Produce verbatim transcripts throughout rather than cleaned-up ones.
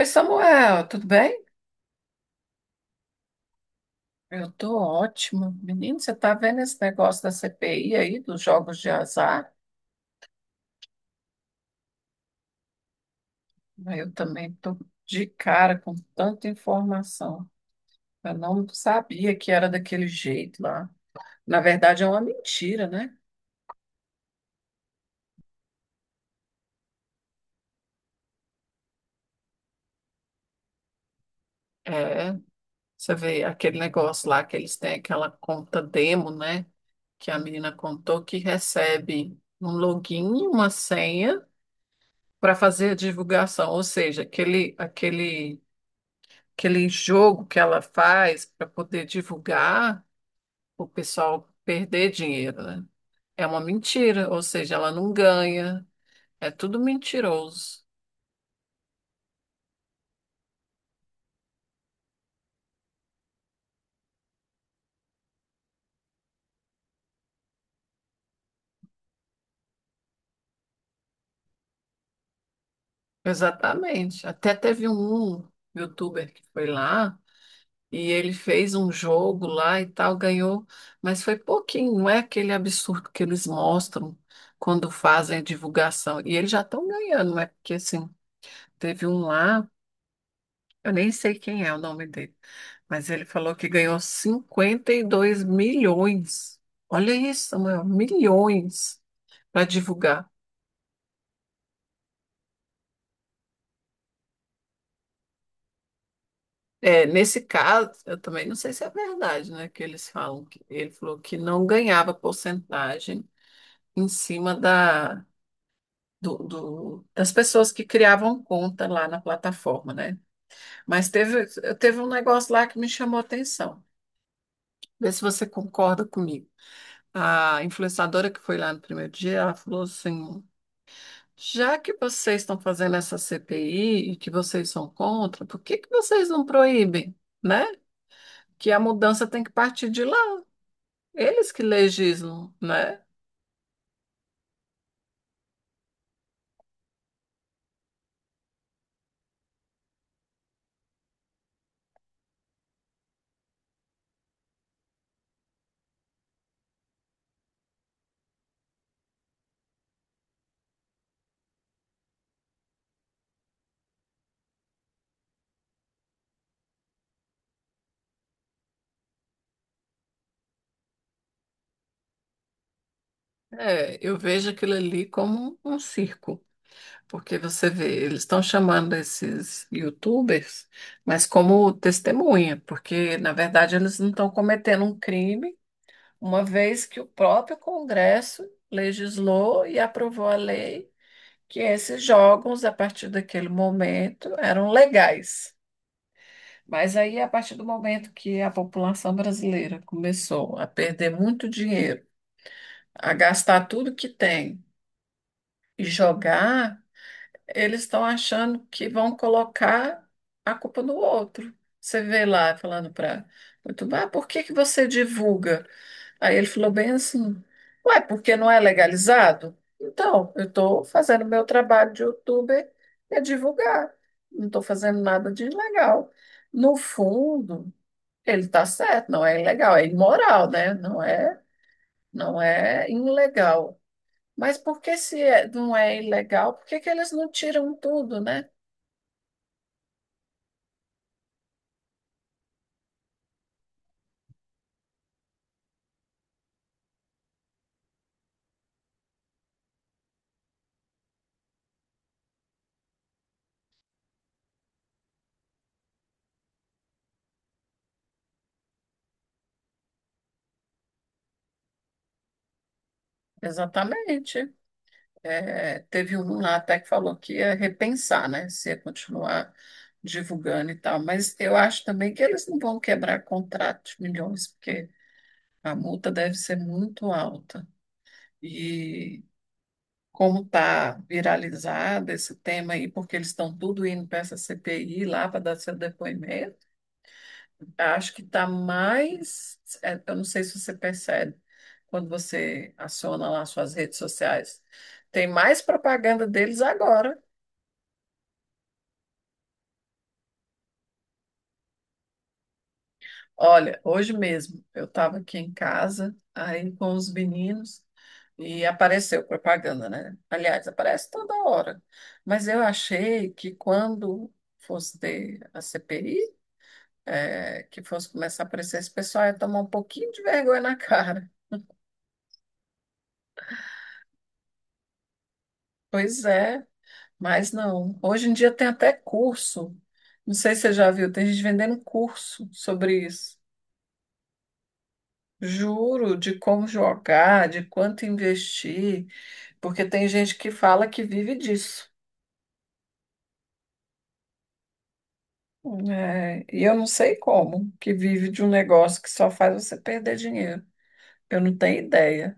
Oi, Samuel, tudo bem? Eu tô ótima. Menino, você tá vendo esse negócio da C P I aí, dos jogos de azar? Eu também tô de cara com tanta informação. Eu não sabia que era daquele jeito lá. Na verdade, é uma mentira, né? É, você vê aquele negócio lá que eles têm aquela conta demo, né? Que a menina contou que recebe um login e uma senha para fazer a divulgação, ou seja, aquele, aquele aquele jogo que ela faz para poder divulgar, o pessoal perder dinheiro, né? É uma mentira, ou seja, ela não ganha. É tudo mentiroso. Exatamente. Até teve um youtuber que foi lá e ele fez um jogo lá e tal, ganhou, mas foi pouquinho, não é aquele absurdo que eles mostram quando fazem a divulgação. E eles já estão ganhando. É Porque assim, teve um lá. Eu nem sei quem é o nome dele, mas ele falou que ganhou cinquenta e dois milhões. Olha isso, Samuel, milhões para divulgar. É, nesse caso, eu também não sei se é verdade, né, que eles falam que ele falou que não ganhava porcentagem em cima da do, do- das pessoas que criavam conta lá na plataforma, né? Mas teve teve um negócio lá que me chamou a atenção. Vê se você concorda comigo. A influenciadora que foi lá no primeiro dia, ela falou assim: já que vocês estão fazendo essa C P I e que vocês são contra, por que que vocês não proíbem, né? Que a mudança tem que partir de lá, eles que legislam, né? É, eu vejo aquilo ali como um circo, porque você vê, eles estão chamando esses YouTubers, mas como testemunha, porque na verdade eles não estão cometendo um crime, uma vez que o próprio Congresso legislou e aprovou a lei que esses jogos, a partir daquele momento, eram legais. Mas aí, a partir do momento que a população brasileira começou a perder muito dinheiro, a gastar tudo que tem e jogar, eles estão achando que vão colocar a culpa no outro. Você vê lá falando para YouTube: ah, por que que você divulga? Aí ele falou bem assim: ué, porque não é legalizado? Então, eu estou fazendo meu trabalho de youtuber, é divulgar. Não estou fazendo nada de ilegal. No fundo, ele está certo, não é ilegal, é imoral, né? Não é, não é ilegal. Mas por que se é- não é ilegal, por que que eles não tiram tudo, né? Exatamente. É, teve um lá até que falou que ia repensar, né? Se ia continuar divulgando e tal. Mas eu acho também que eles não vão quebrar contrato de milhões, porque a multa deve ser muito alta. E como está viralizado esse tema aí, porque eles estão tudo indo para essa C P I lá para dar seu depoimento. Acho que está mais. É, eu não sei se você percebe quando você aciona lá suas redes sociais. Tem mais propaganda deles agora. Olha, hoje mesmo eu estava aqui em casa, aí com os meninos, e apareceu propaganda, né? Aliás, aparece toda hora. Mas eu achei que quando fosse ter a C P I, é, que fosse começar a aparecer, esse pessoal ia tomar um pouquinho de vergonha na cara. Pois é. Mas não. Hoje em dia tem até curso. Não sei se você já viu, tem gente vendendo curso sobre isso. Juro, de como jogar, de quanto investir, porque tem gente que fala que vive disso. É, e eu não sei como, que vive de um negócio que só faz você perder dinheiro. Eu não tenho ideia.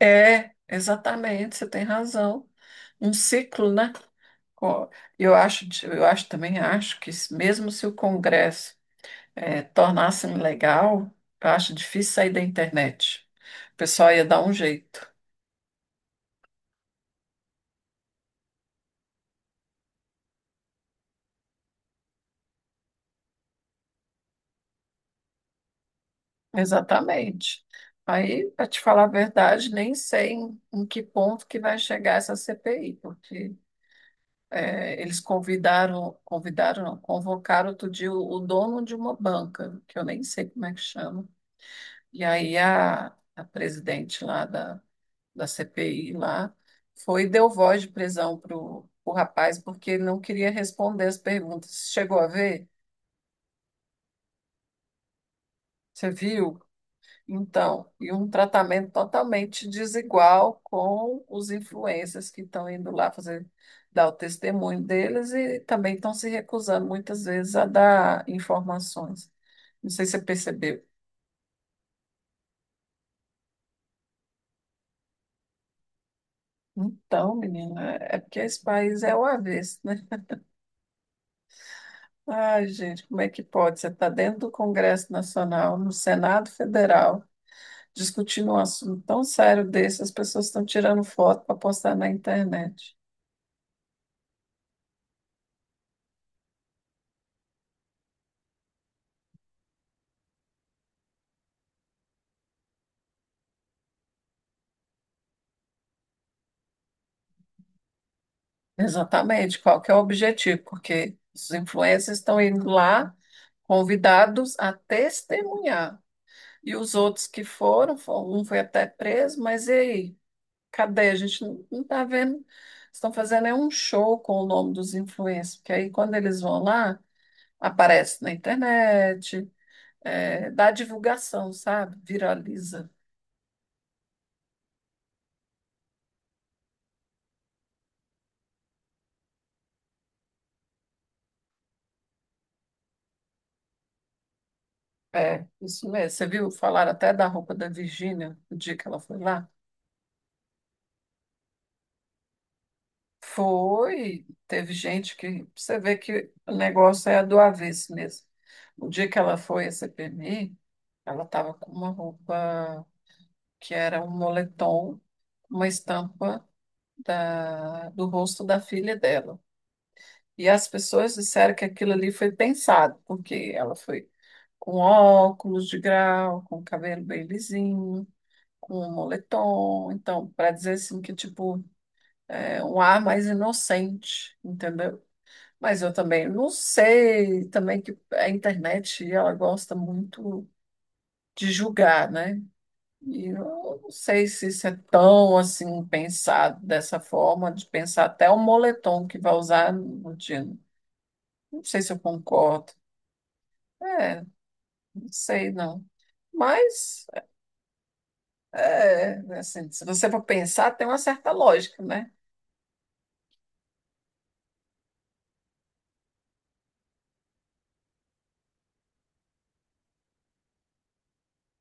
É, exatamente, você tem razão. Um ciclo, né? Ó, Eu acho, eu acho também acho que mesmo se o Congresso é, tornasse legal, eu acho difícil sair da internet. O pessoal ia dar um jeito. Exatamente. Aí, para te falar a verdade, nem sei em, em que ponto que vai chegar essa C P I, porque é, eles convidaram, convidaram, não, convocaram outro dia o, o dono de uma banca, que eu nem sei como é que chama. E aí a, a presidente lá da da C P I lá, foi e deu voz de prisão pro, pro rapaz porque ele não queria responder as perguntas. Você chegou a ver? Você viu? Então, e um tratamento totalmente desigual com os influencers que estão indo lá fazer, dar o testemunho deles, e também estão se recusando muitas vezes a dar informações. Não sei se você percebeu. Então, menina, é porque esse país é o avesso. Ai, gente, como é que pode? Você está dentro do Congresso Nacional, no Senado Federal, discutindo um assunto tão sério desse, as pessoas estão tirando foto para postar na internet. Exatamente, qual que é o objetivo? Porque os influencers estão indo lá convidados a testemunhar. E os outros que foram, fo- um foi até preso, mas e aí? Cadê? A gente não está vendo. Estão fazendo é um show com o nome dos influencers, porque aí quando eles vão lá, aparece na internet, é, dá divulgação, sabe? Viraliza. É, isso mesmo. Você viu falar até da roupa da Virgínia, o dia que ela foi lá? Foi, teve gente que... Você vê que o negócio é do avesso mesmo. O dia que ela foi à C P M I, ela estava com uma roupa que era um moletom, uma estampa da, do rosto da filha dela. E as pessoas disseram que aquilo ali foi pensado, porque ela foi com óculos de grau, com cabelo bem lisinho, com um moletom. Então, para dizer assim que, tipo, é um ar mais inocente, entendeu? Mas eu também não sei, também que a internet, ela gosta muito de julgar, né? E eu não sei se isso é tão, assim, pensado dessa forma, de pensar até o moletom que vai usar no dia. Não sei se eu concordo. É, não sei, não. Mas... é, assim, se você for pensar, tem uma certa lógica, né?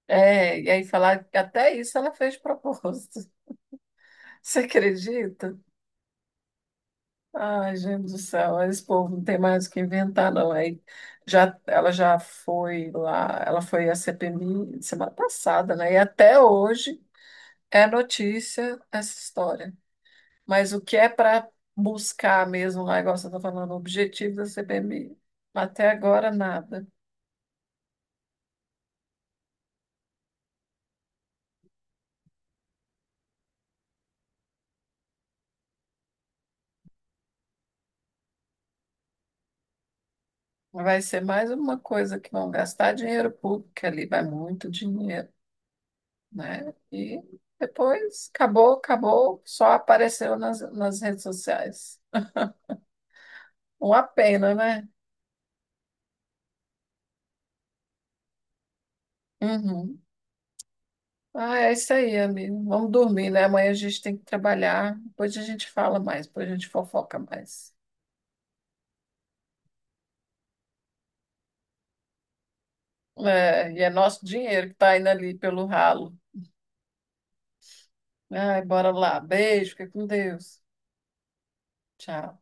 É, e aí falar que até isso ela fez de propósito. Você acredita? Ai, gente do céu, esse povo não tem mais o que inventar, não. Aí já, ela já foi lá, ela foi à C P M I semana passada, né? E até hoje é notícia essa história. Mas o que é para buscar mesmo lá, igual você está falando, o objetivo da C P M I, até agora nada. Vai ser mais uma coisa que vão gastar dinheiro público, que ali vai muito dinheiro, né? E depois acabou, acabou, só apareceu nas, nas redes sociais. Uma pena, né? Uhum. Ah, é isso aí, amigo. Vamos dormir, né? Amanhã a gente tem que trabalhar. Depois a gente fala mais, depois a gente fofoca mais. É, e é nosso dinheiro que está indo ali pelo ralo. Ai, bora lá. Beijo, fica com Deus. Tchau.